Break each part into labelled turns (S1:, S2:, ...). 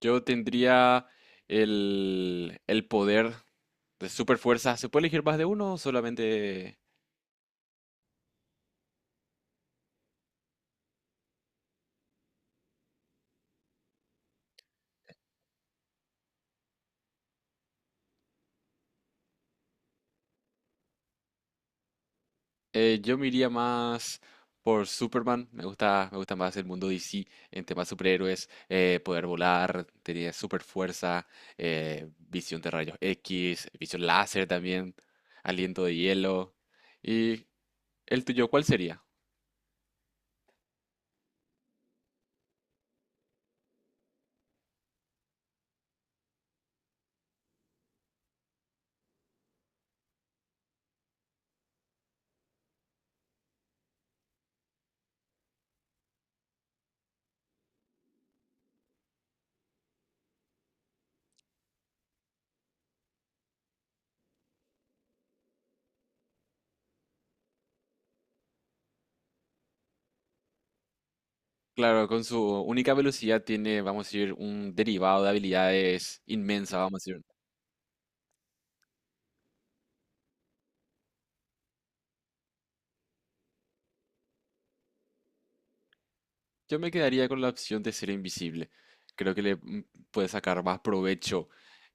S1: Yo tendría el poder de super fuerza. ¿Se puede elegir más de uno o solamente? Yo me iría más por Superman. Me gusta más el mundo DC en temas superhéroes. Poder volar, tener super fuerza, visión de rayos X, visión láser también, aliento de hielo. ¿Y el tuyo cuál sería? Claro, con su única velocidad tiene, vamos a decir, un derivado de habilidades inmensa, vamos a decir. Yo me quedaría con la opción de ser invisible. Creo que le puedes sacar más provecho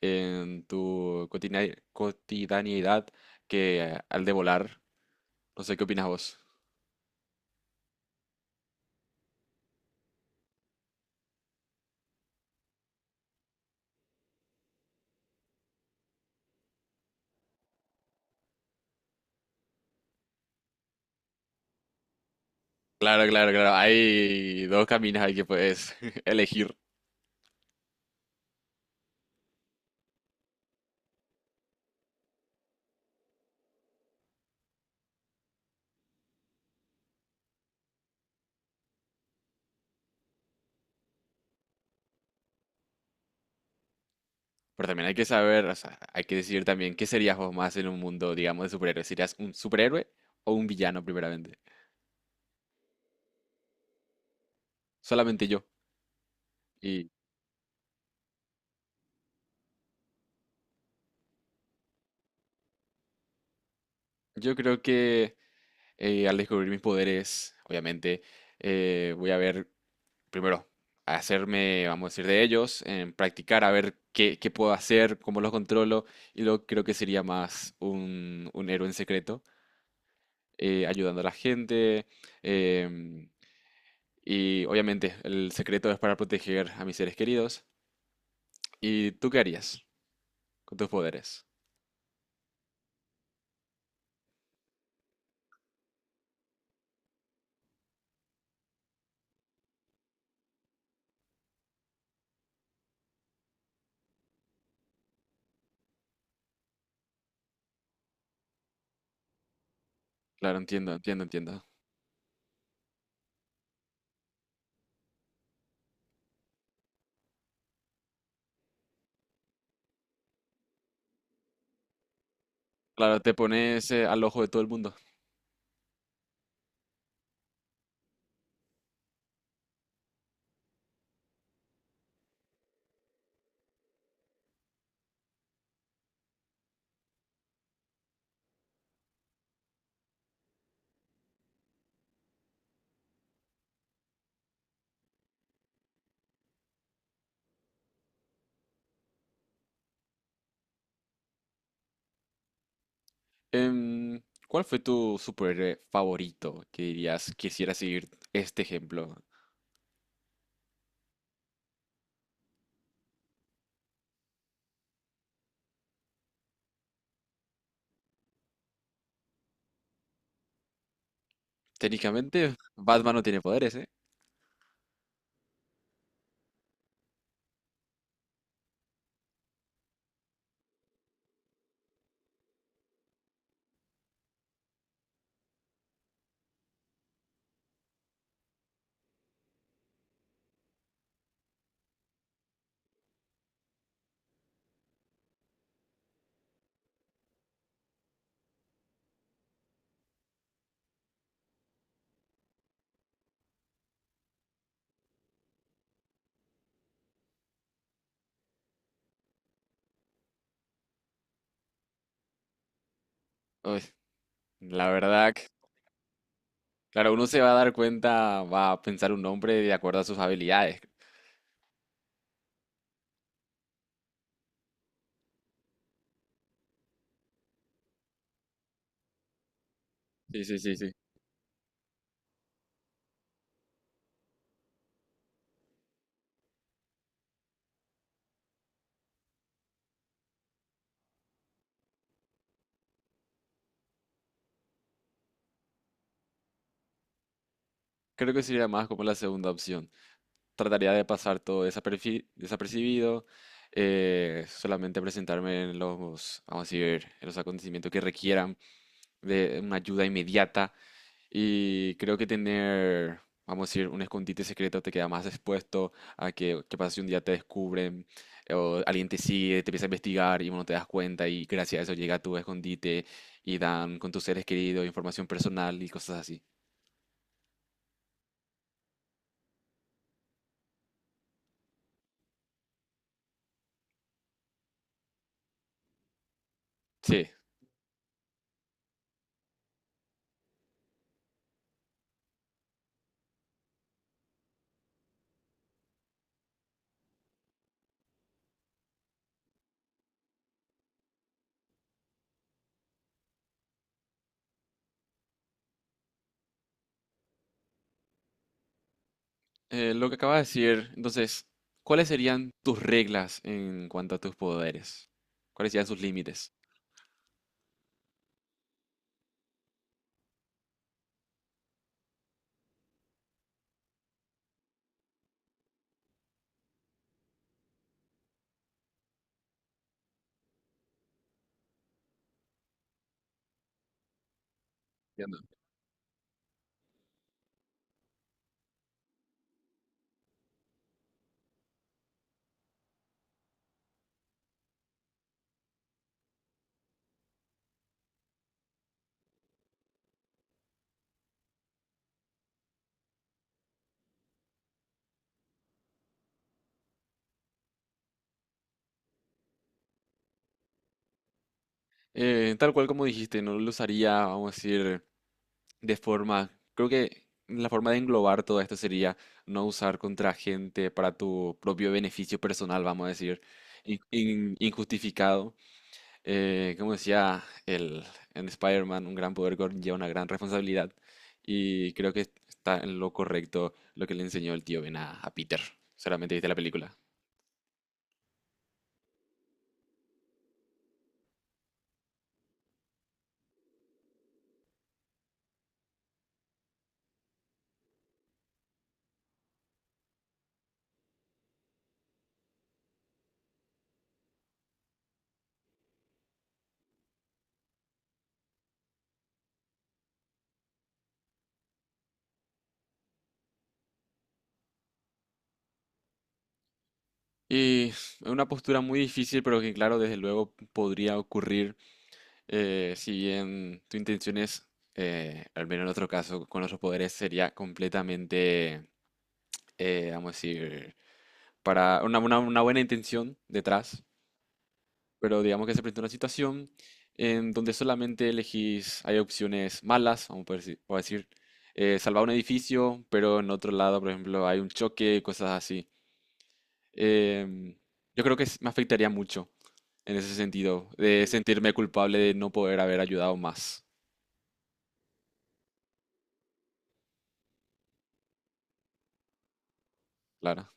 S1: en tu cotidianidad que al de volar. No sé qué opinas vos. Claro, claro, claro. Hay dos caminos ahí que puedes elegir. Pero también hay que saber, o sea, hay que decidir también qué serías vos más en un mundo, digamos, de superhéroes. ¿Serías un superhéroe o un villano, primeramente? Solamente yo. Y yo creo que al descubrir mis poderes, obviamente, voy a ver primero, hacerme, vamos a decir, de ellos, en practicar a ver qué puedo hacer, cómo los controlo, y luego creo que sería más un héroe en secreto, ayudando a la gente, em, y obviamente el secreto es para proteger a mis seres queridos. ¿Y tú qué harías con tus poderes? Claro, entiendo, entiendo, entiendo. Claro, te pones al ojo de todo el mundo. Em, ¿Cuál fue tu superhéroe favorito que dirías quisiera seguir este ejemplo? Técnicamente, Batman no tiene poderes, ¿eh? Uy, la verdad, claro, uno se va a dar cuenta, va a pensar un nombre de acuerdo a sus habilidades. Sí, sí, sí, sí. Creo que sería más como la segunda opción. Trataría de pasar todo desapercibido, solamente presentarme en los, vamos a decir, en los acontecimientos que requieran de una ayuda inmediata. Y creo que tener, vamos a decir, un escondite secreto te queda más expuesto a que, qué pasa si un día te descubren o alguien te sigue, te empieza a investigar y uno te das cuenta y gracias a eso llega a tu escondite y dan con tus seres queridos información personal y cosas así. Sí, lo que acabas de decir, entonces, ¿cuáles serían tus reglas en cuanto a tus poderes? ¿Cuáles serían sus límites? Entiendo. Tal cual como dijiste, no lo usaría, vamos a decir de forma, creo que la forma de englobar todo esto sería no usar contra gente para tu propio beneficio personal, vamos a decir, injustificado. Como decía en Spider-Man, un gran poder conlleva una gran responsabilidad. Y creo que está en lo correcto lo que le enseñó el tío Ben a Peter. Solamente viste la película. Y es una postura muy difícil, pero que claro, desde luego podría ocurrir. Si bien tu intención es, al menos en otro caso, con nuestros poderes sería completamente, vamos a decir, para una buena intención detrás, pero digamos que se presenta una situación en donde solamente elegís, hay opciones malas, vamos a poder por decir, salvar un edificio, pero en otro lado, por ejemplo, hay un choque y cosas así. Em, yo creo que me afectaría mucho en ese sentido, de sentirme culpable de no poder haber ayudado más, claro.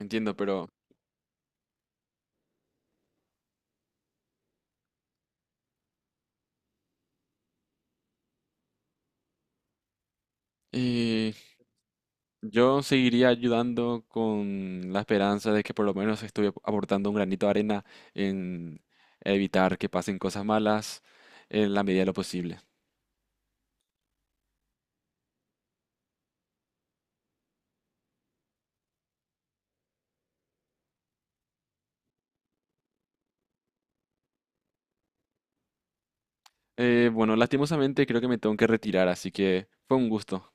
S1: Entiendo, pero y yo seguiría ayudando con la esperanza de que por lo menos estoy aportando un granito de arena en evitar que pasen cosas malas en la medida de lo posible. Bueno, lastimosamente creo que me tengo que retirar, así que fue un gusto.